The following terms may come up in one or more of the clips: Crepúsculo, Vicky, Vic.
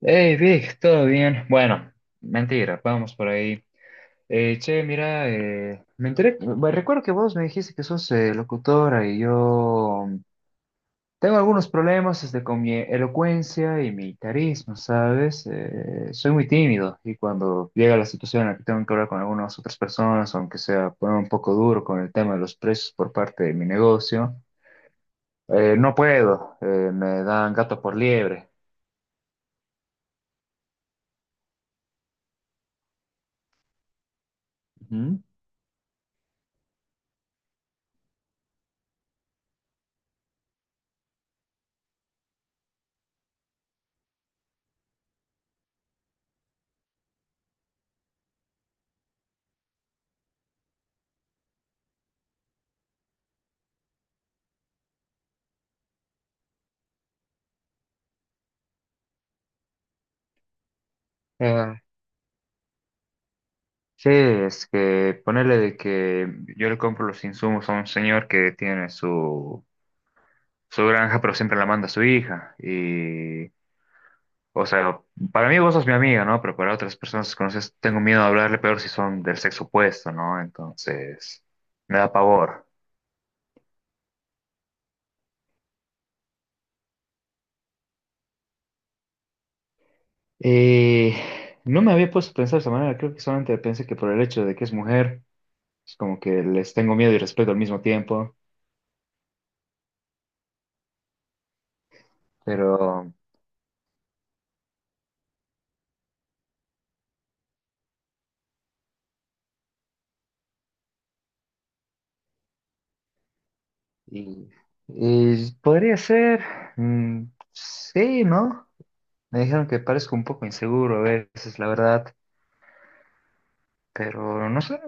Hey Vic, ¿todo bien? Bueno, mentira, vamos por ahí. Che, mira, me enteré, bueno, recuerdo que vos me dijiste que sos locutora y yo tengo algunos problemas este, con mi elocuencia y mi carisma, ¿sabes? Soy muy tímido y cuando llega la situación en la que tengo que hablar con algunas otras personas, aunque sea poner un poco duro con el tema de los precios por parte de mi negocio, no puedo, me dan gato por liebre. Ujú. Sí, es que ponerle de que yo le compro los insumos a un señor que tiene su granja, pero siempre la manda a su hija. Y, o sea, para mí vos sos mi amiga, ¿no? Pero para otras personas que conoces, tengo miedo de hablarle, peor si son del sexo opuesto, ¿no? Entonces, me da pavor. Y no me había puesto a pensar de esa manera, creo que solamente pensé que por el hecho de que es mujer, es como que les tengo miedo y respeto al mismo tiempo, pero... Y, y podría ser, mm, sí, ¿no? Me dijeron que parezco un poco inseguro a veces, la verdad, pero no sé.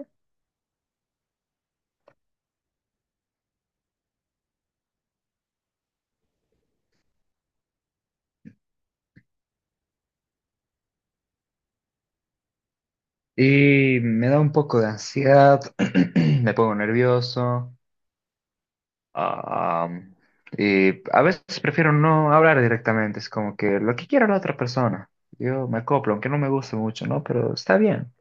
Y me da un poco de ansiedad, me pongo nervioso. Ah, y a veces prefiero no hablar directamente, es como que lo que quiera la otra persona. Yo me acoplo, aunque no me guste mucho, ¿no? Pero está bien.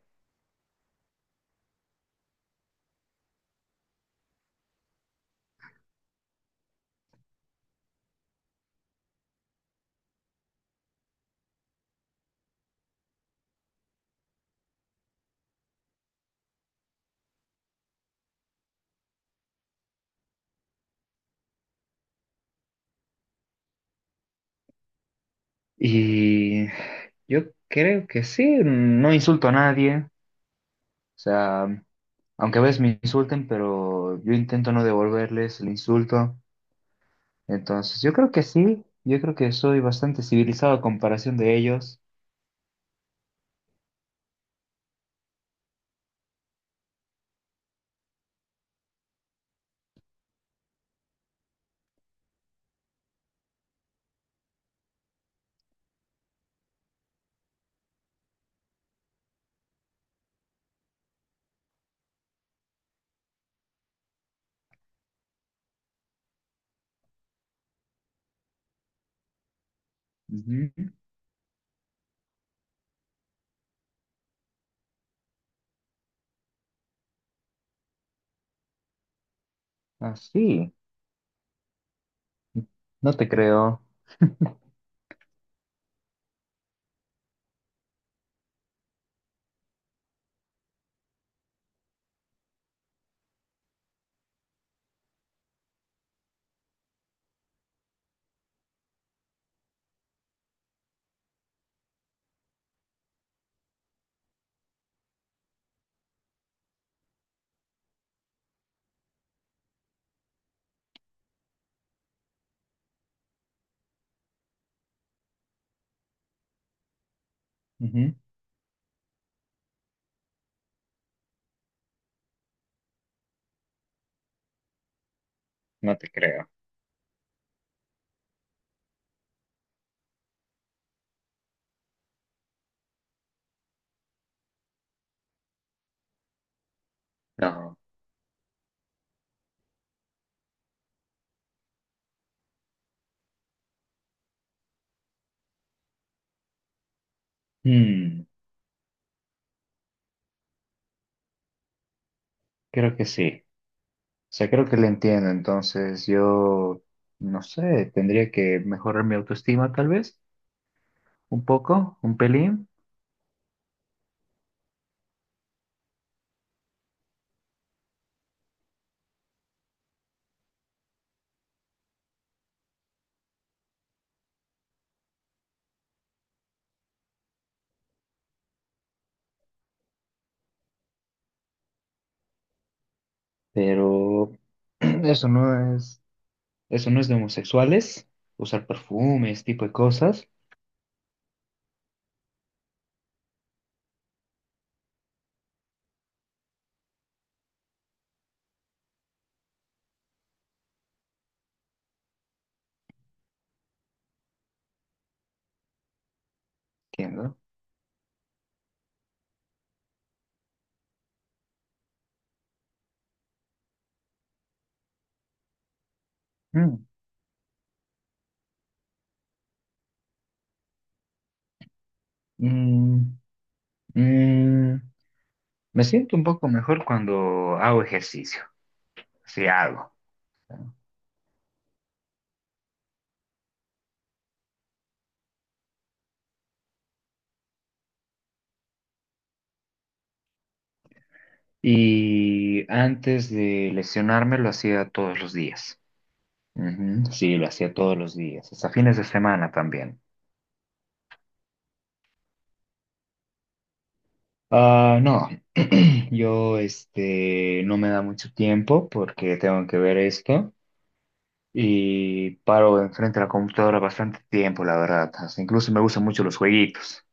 Y yo creo que sí, no insulto a nadie. O sea, aunque a veces me insulten, pero yo intento no devolverles el insulto. Entonces, yo creo que sí, yo creo que soy bastante civilizado a comparación de ellos. Ujú. Así, no te creo. Ujú. No te creo. No. Mm, creo que sí. O sea, creo que le entiendo. Entonces, yo, no sé, tendría que mejorar mi autoestima tal vez, un poco, un pelín, pero eso no es... Eso no es de homosexuales, usar perfumes tipo de cosas. Entiendo. Mm, mm, mm, me siento un poco mejor cuando hago ejercicio, si hago. Y antes de lesionarme lo hacía todos los días. Ujú. Sí, lo hacía todos los días, hasta fines de semana también. Ah, no, yo este no me da mucho tiempo porque tengo que ver esto. Y paro enfrente de la computadora bastante tiempo, la verdad. Hasta incluso me gustan mucho los jueguitos.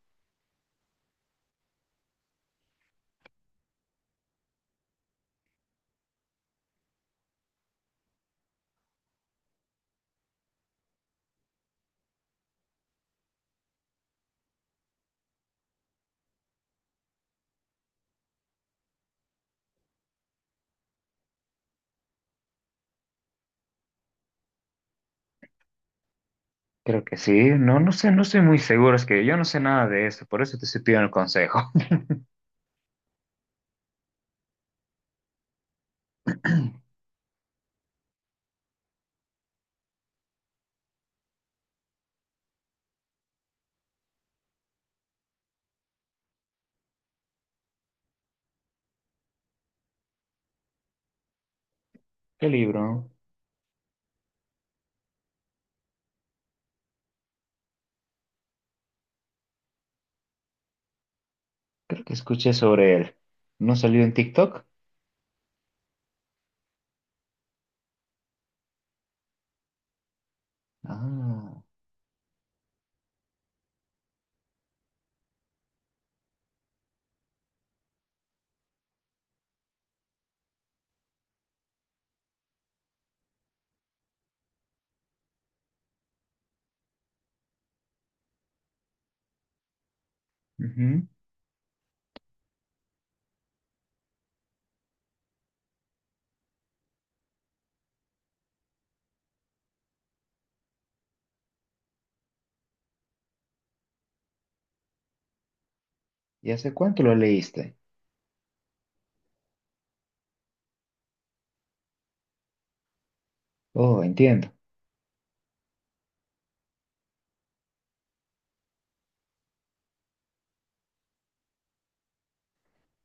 Creo que sí. No, no sé, no estoy muy seguro. Es que yo no sé nada de esto, por eso te estoy pidiendo el consejo. ¿Qué libro? Creo que escuché sobre él. ¿No salió en TikTok? Ah, ujú. ¿Y hace cuánto lo leíste? Oh, entiendo.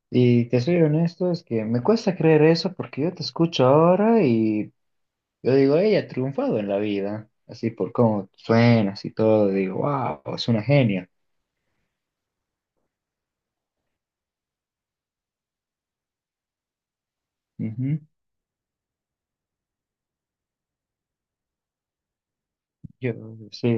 Y te soy honesto, es que me cuesta creer eso porque yo te escucho ahora y yo digo, ella ha triunfado en la vida. Así por cómo suenas y todo, digo, wow, es una genia. Ujú. Yo sí.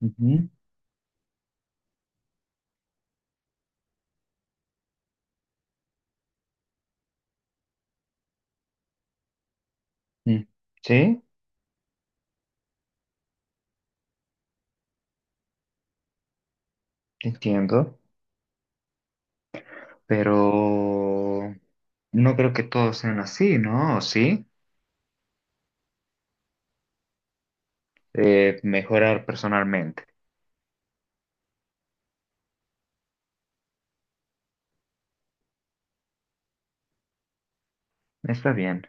Ujú, mm. Sí, entiendo, pero no creo que todos sean así, ¿no? ¿O sí? Mejorar personalmente. Está bien.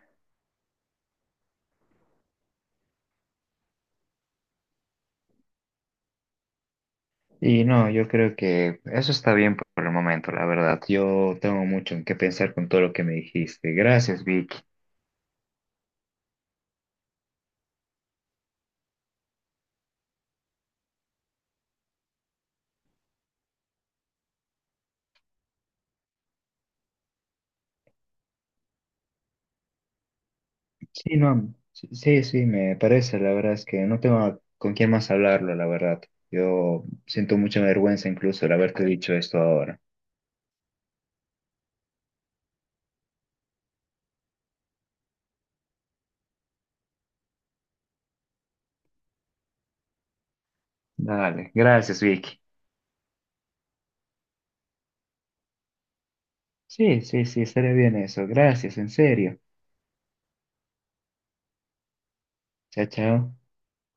Y no, yo creo que eso está bien por el momento, la verdad. Yo tengo mucho en qué pensar con todo lo que me dijiste. Gracias, Vicky. Sí, no, sí, sí, sí, me parece. La verdad es que no tengo con quién más hablarlo, la verdad. Yo siento mucha vergüenza incluso de haberte dicho esto ahora. Dale, gracias, Vicky. Sí, sí, sí, estaría bien eso. Gracias, en serio. Chao, chao.